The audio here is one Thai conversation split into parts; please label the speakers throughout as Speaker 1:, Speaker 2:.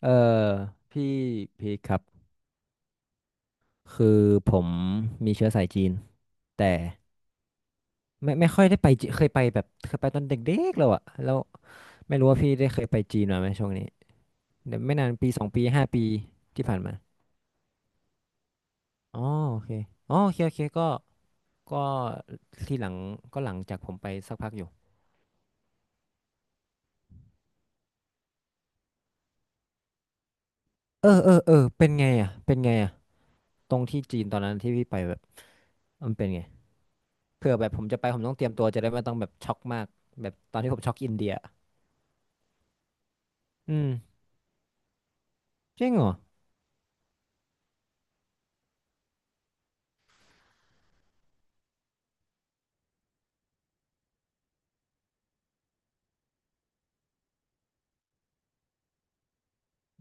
Speaker 1: เออพี่พีคครับคือผมมีเชื้อสายจีนแต่ไม่ค่อยได้ไปจีเคยไปแบบเคยไปตอนเด็กๆแล้วอะแล้วไม่รู้ว่าพี่ได้เคยไปจีนมาไหมช่วงนี้เดี๋ยวไม่นานปี2 ปี5 ปีที่ผ่านมาอ๋อโอเคอ๋อโอเคโอเคก็ที่หลังก็หลังจากผมไปสักพักอยู่เออเออเออเป็นไงอะเป็นไงอะตรงที่จีนตอนนั้นที่พี่ไปแบบมันเป็นไงเผื่อแบบผมจะไปผมต้องเตรียมตัวจะได้ไม่ต้องแบบช็อกมากแบบตอนที่ผมช็อกอินเดียอืมจริงเหรอ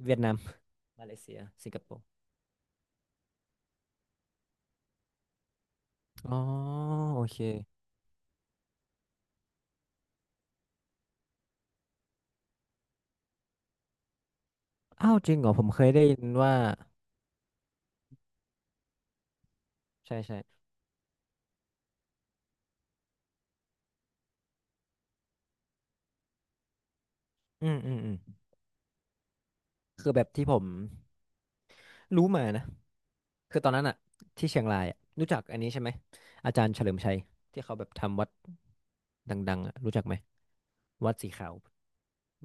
Speaker 1: เวียดนาม มาเลเซียสิงคโปร์อ๋อโอเคอ้าวจริงเหรอผมเคยได้ยินว่า ใช่ใช่อืมอืมอืมคือแบบที่ผมรู้มานะ คือตอนนั้นอะที่เชียงรายอะรู้จักอันนี้ใช่ไหมอาจารย์เฉลิมชัยที่เขาแบบทำวัดดังๆอะรู้จักไหมวัดสีขาว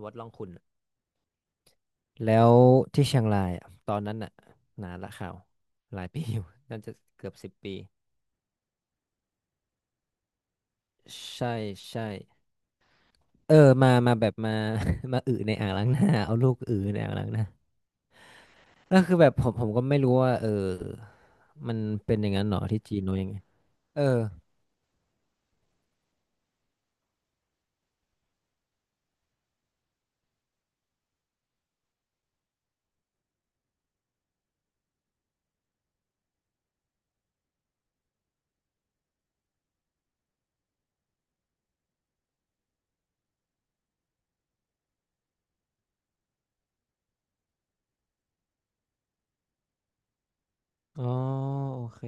Speaker 1: วัดร่องขุ่นอะแล้วที่เชียงรายอะตอนนั้นอะนานละข่าวหลายปีอยู่ น่าจะเกือบ10 ปีใช่ใช่เออมามาแบบมา มาอึในอ่างล้างหน้าเอาลูกอึในอ่างล้างหน้า เออคือแบบผมก็ไม่รู้ว่ามันเป็นอย่างนั้นเหรอที่จีนหรือยังไงเอออ๋อโอเค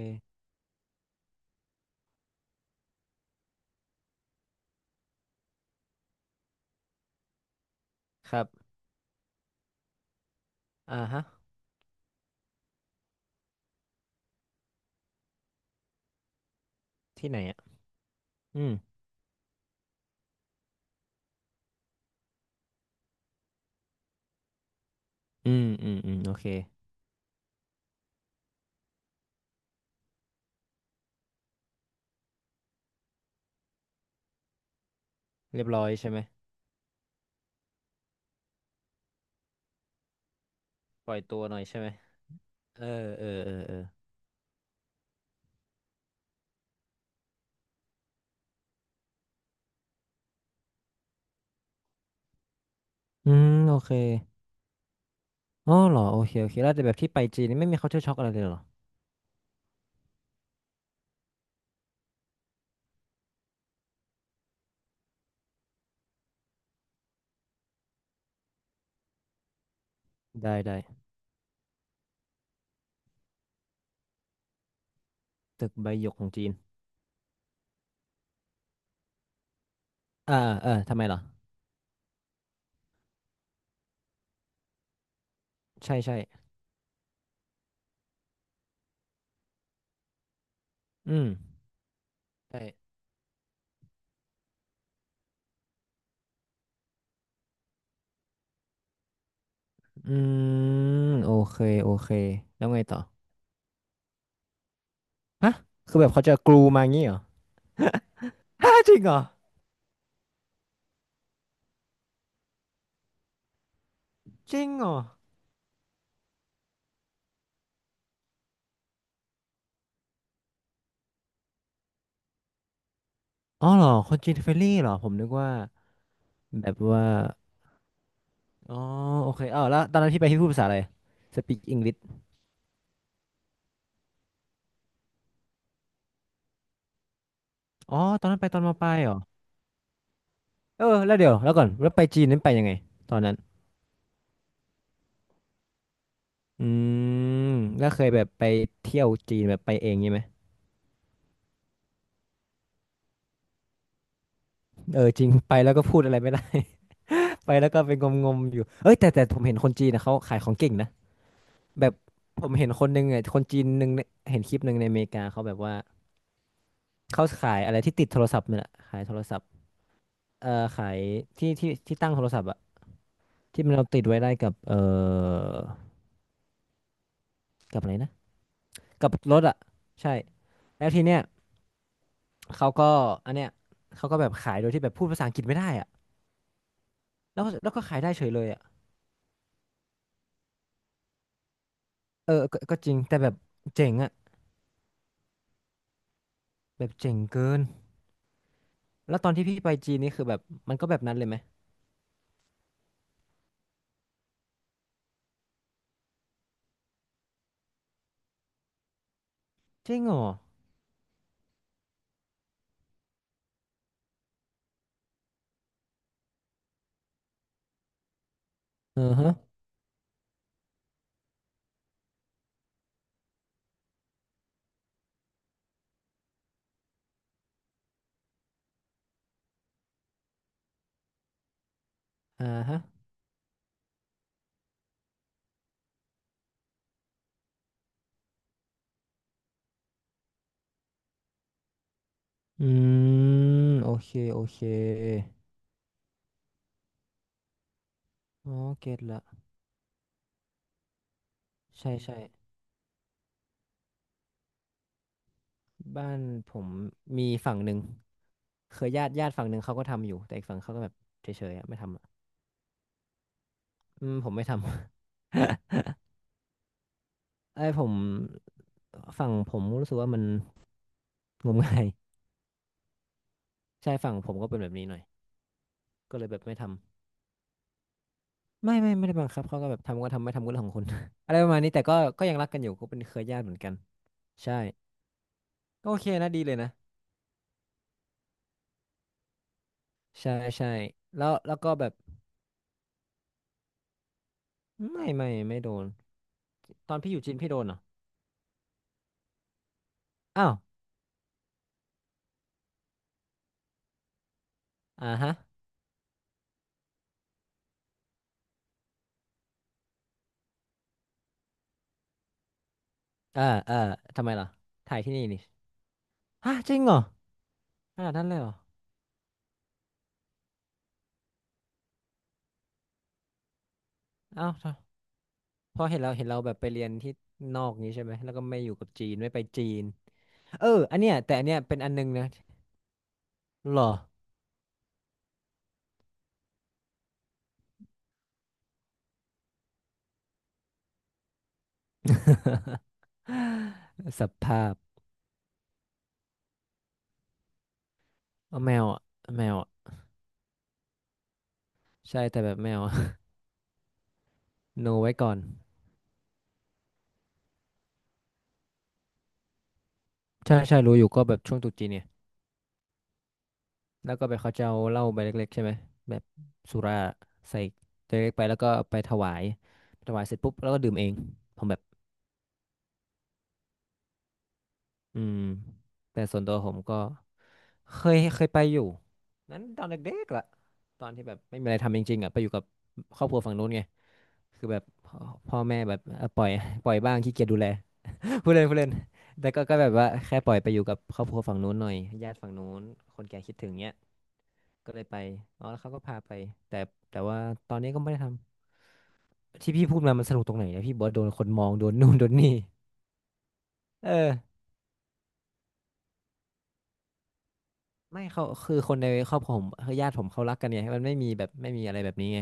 Speaker 1: ครับอ่าฮะที่ไหนอ่ะอืมอืมอืมอืมโอเคเรียบร้อยใช่ไหมปล่อยตัวหน่อยใช่ไหมเออเออเออเอออืมโอเคอ๋อเหรอโอเคโอเคแล้วแต่แบบที่ไปจีนนี่ไม่มี culture shock อะไรเลยเหรอได้ได้ตึกใบหยกของจีนอ่าเออทำไมเหรอใช่ใช่อืมใช่อืมโอเคโอเคแล้วไงต่อฮะคือแบบเขาจะกรูมางี้เหรอ จริงเหรอ จริงเหรออ๋อเหรอคนจีนเฟรนลี่เหรอผมนึกว่าแบบว่าอ๋อโอเคเออแล้วตอนนั้นพี่ไปพี่พูดภาษาอะไรสปีกอังกฤษอ๋อ ตอนนั้นไปตอนมปลายเหรอเออแล้วเดี๋ยวแล้วก่อนแล้วไปจีนนั้นไปยังไงตอนนั้นอืมแล้วเคยแบบไปเที่ยวจีนแบบไปเองงี้ไหมเออจริงไปแล้วก็พูดอะไรไม่ได้ ไปแล้วก็เป็นงมๆอยู่เอ้ยแต่ผมเห็นคนจีนนะเขาขายของเก่งนะแบบผมเห็นคนหนึงอ่ะคนจีนหนึ่งเนี่ยเห็นคลิปหนึ่งในอเมริกาเขาแบบว่าเขาขายอะไรที่ติดโทรศัพท์เนี่ยแหละขายโทรศัพท์ เอ่อขายที่ตั้งโทรศัพท์อะที่มันเราติดไว้ได้กับกับอะไรนะกับรถอะใช่แล้วทีเนี้ยเขาก็อันเนี้ยเขาก็แบบขายโดยที่แบบพูดภาษาอังกฤษไม่ได้อะแล้วก็ขายได้เฉยเลยอะเออก็จริงแต่แบบเจ๋งอะแบบเจ๋งเกินแล้วตอนที่พี่ไปจีนนี่คือแบบมันก็แบบนั้นเลยไหมจริงเหรอเออฮะอ่าฮะอืมโอเคโอเคอ๋อเก็ตละใช่ใช่บ้านผมมีฝั่งหนึ่ง เคยญาติญาติฝั่งหนึ่งเขาก็ทำอยู่แต่อีกฝั่งเขาก็แบบเฉยๆอะไม่ทำอะอืมผมไม่ทำ เอ้ยผมฝั่งผมรู้สึกว่ามันงมงาย ใช่ฝั่งผมก็เป็นแบบนี้หน่อยก็เลยแบบไม่ทำไม่ได้บังคับเขาก็แบบทำก็ทำไม่ทำก็เรื่องของคุณ อะไรประมาณนี้แต่ก็ยังรักกันอยู่ก็เป็นเคยญาติเหมือนกันใช่ก็โอเคนะดีเลยนะใช่ใช่แล้วก็แบบไม่โดนตอนพี่อยู่จีนพี่โดนเหรออ้าวอ่าฮะเออเออทำไมล่ะถ่ายที่นี่นี่ ฮะจริงเหรอขนาดนั้นเลยเหรออ้าว เพราะเห็นเราเห็นเราแบบไปเรียนที่นอกนี้ใช่ไหมแล้วก็ไม่อยู่กับจีนไม่ไปจีนเอออันเนี้ยแต่อันเนี้ยเป็นอันนึงนะหรอสภาพเอาแมวอ่ะเอาแมวอ่ะใช่แต่แบบแมว โนไว้ก่อนใช่ใช่รู้อยู่ก็แบบช่วงตรุษจีนเนี่ยแล้วก็ไปเขาจะเอาเหล้าใบเล็กๆใช่ไหมแบบสุราใส่ใบเล็กไปแล้วก็ไปถวายถวายเสร็จปุ๊บแล้วก็ดื่มเองผมแบบอืมแต่ส่วนตัวผมก็ เคยเคยไปอยู่นั้นตอนเด็กๆล่ะตอนที่แบบไม่มีอะไรทำจริงๆอ่ะไปอยู่กับครอบครัวฝั่งนู้นไงคือแบบพ่อแม่แบบเออปล่อยบ้างขี้เกียจดูแล พูดเล่นพูดเล่นแต่ก็แบบว่าแค่ปล่อยไปอยู่กับครอบครัวฝั่งนู้นหน่อยญาติฝั่งนู้นคนแก่คิดถึงเนี้ยก็เลยไปอ๋อแล้วเขาก็พาไปแต่แต่ว่าตอนนี้ก็ไม่ได้ทำที่พี่พูดมามันสนุกตรงไหนเนี่ยพี่บอกว่าโดนคนมองโดนนู่นโดนนี่เออไม่เขาคือคนในครอบครัวผมคือญาติผมเขารักกันไงมันไม่มีแบบไม่มีอะไรแบบนี้ไง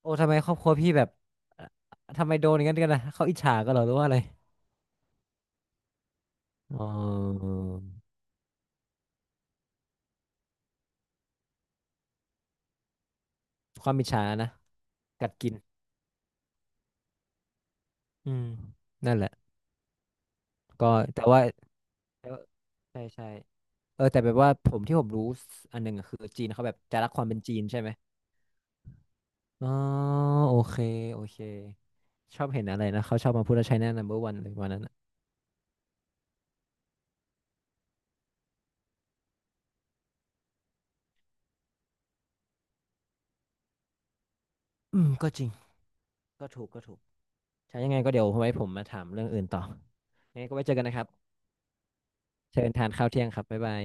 Speaker 1: โอ้ทำไมครอบครัวพี่แบบเอ่อทำไมโดนอย่างนั้นกันนะเขาอิจฉากันเหรอหรือว่าอะไรอ๋อความอิจฉานะกัดกินอืมนั่นแหละก็แต่ว่าแต่ว่าใช่ใช่เออแต่แบบว่าผมที่ผมรู้อันหนึ่งอะคือจีนเขาแบบจะรักความเป็นจีนใช่ไหมอ๋อโอเคโอเคชอบเห็นอะไรนะเขาชอบมาพูดว่าไชน่านมเ m b e r วันเลยวันนั้นอะอืมก็จริงก็ถูกใช่ยังไงก็เดี๋ยวไว้ผมมาถามเรื่องอื่นต่อยังไงก็ไว้เจอกันนะครับเชิญทานข้าวเที่ยงครับบ๊ายบาย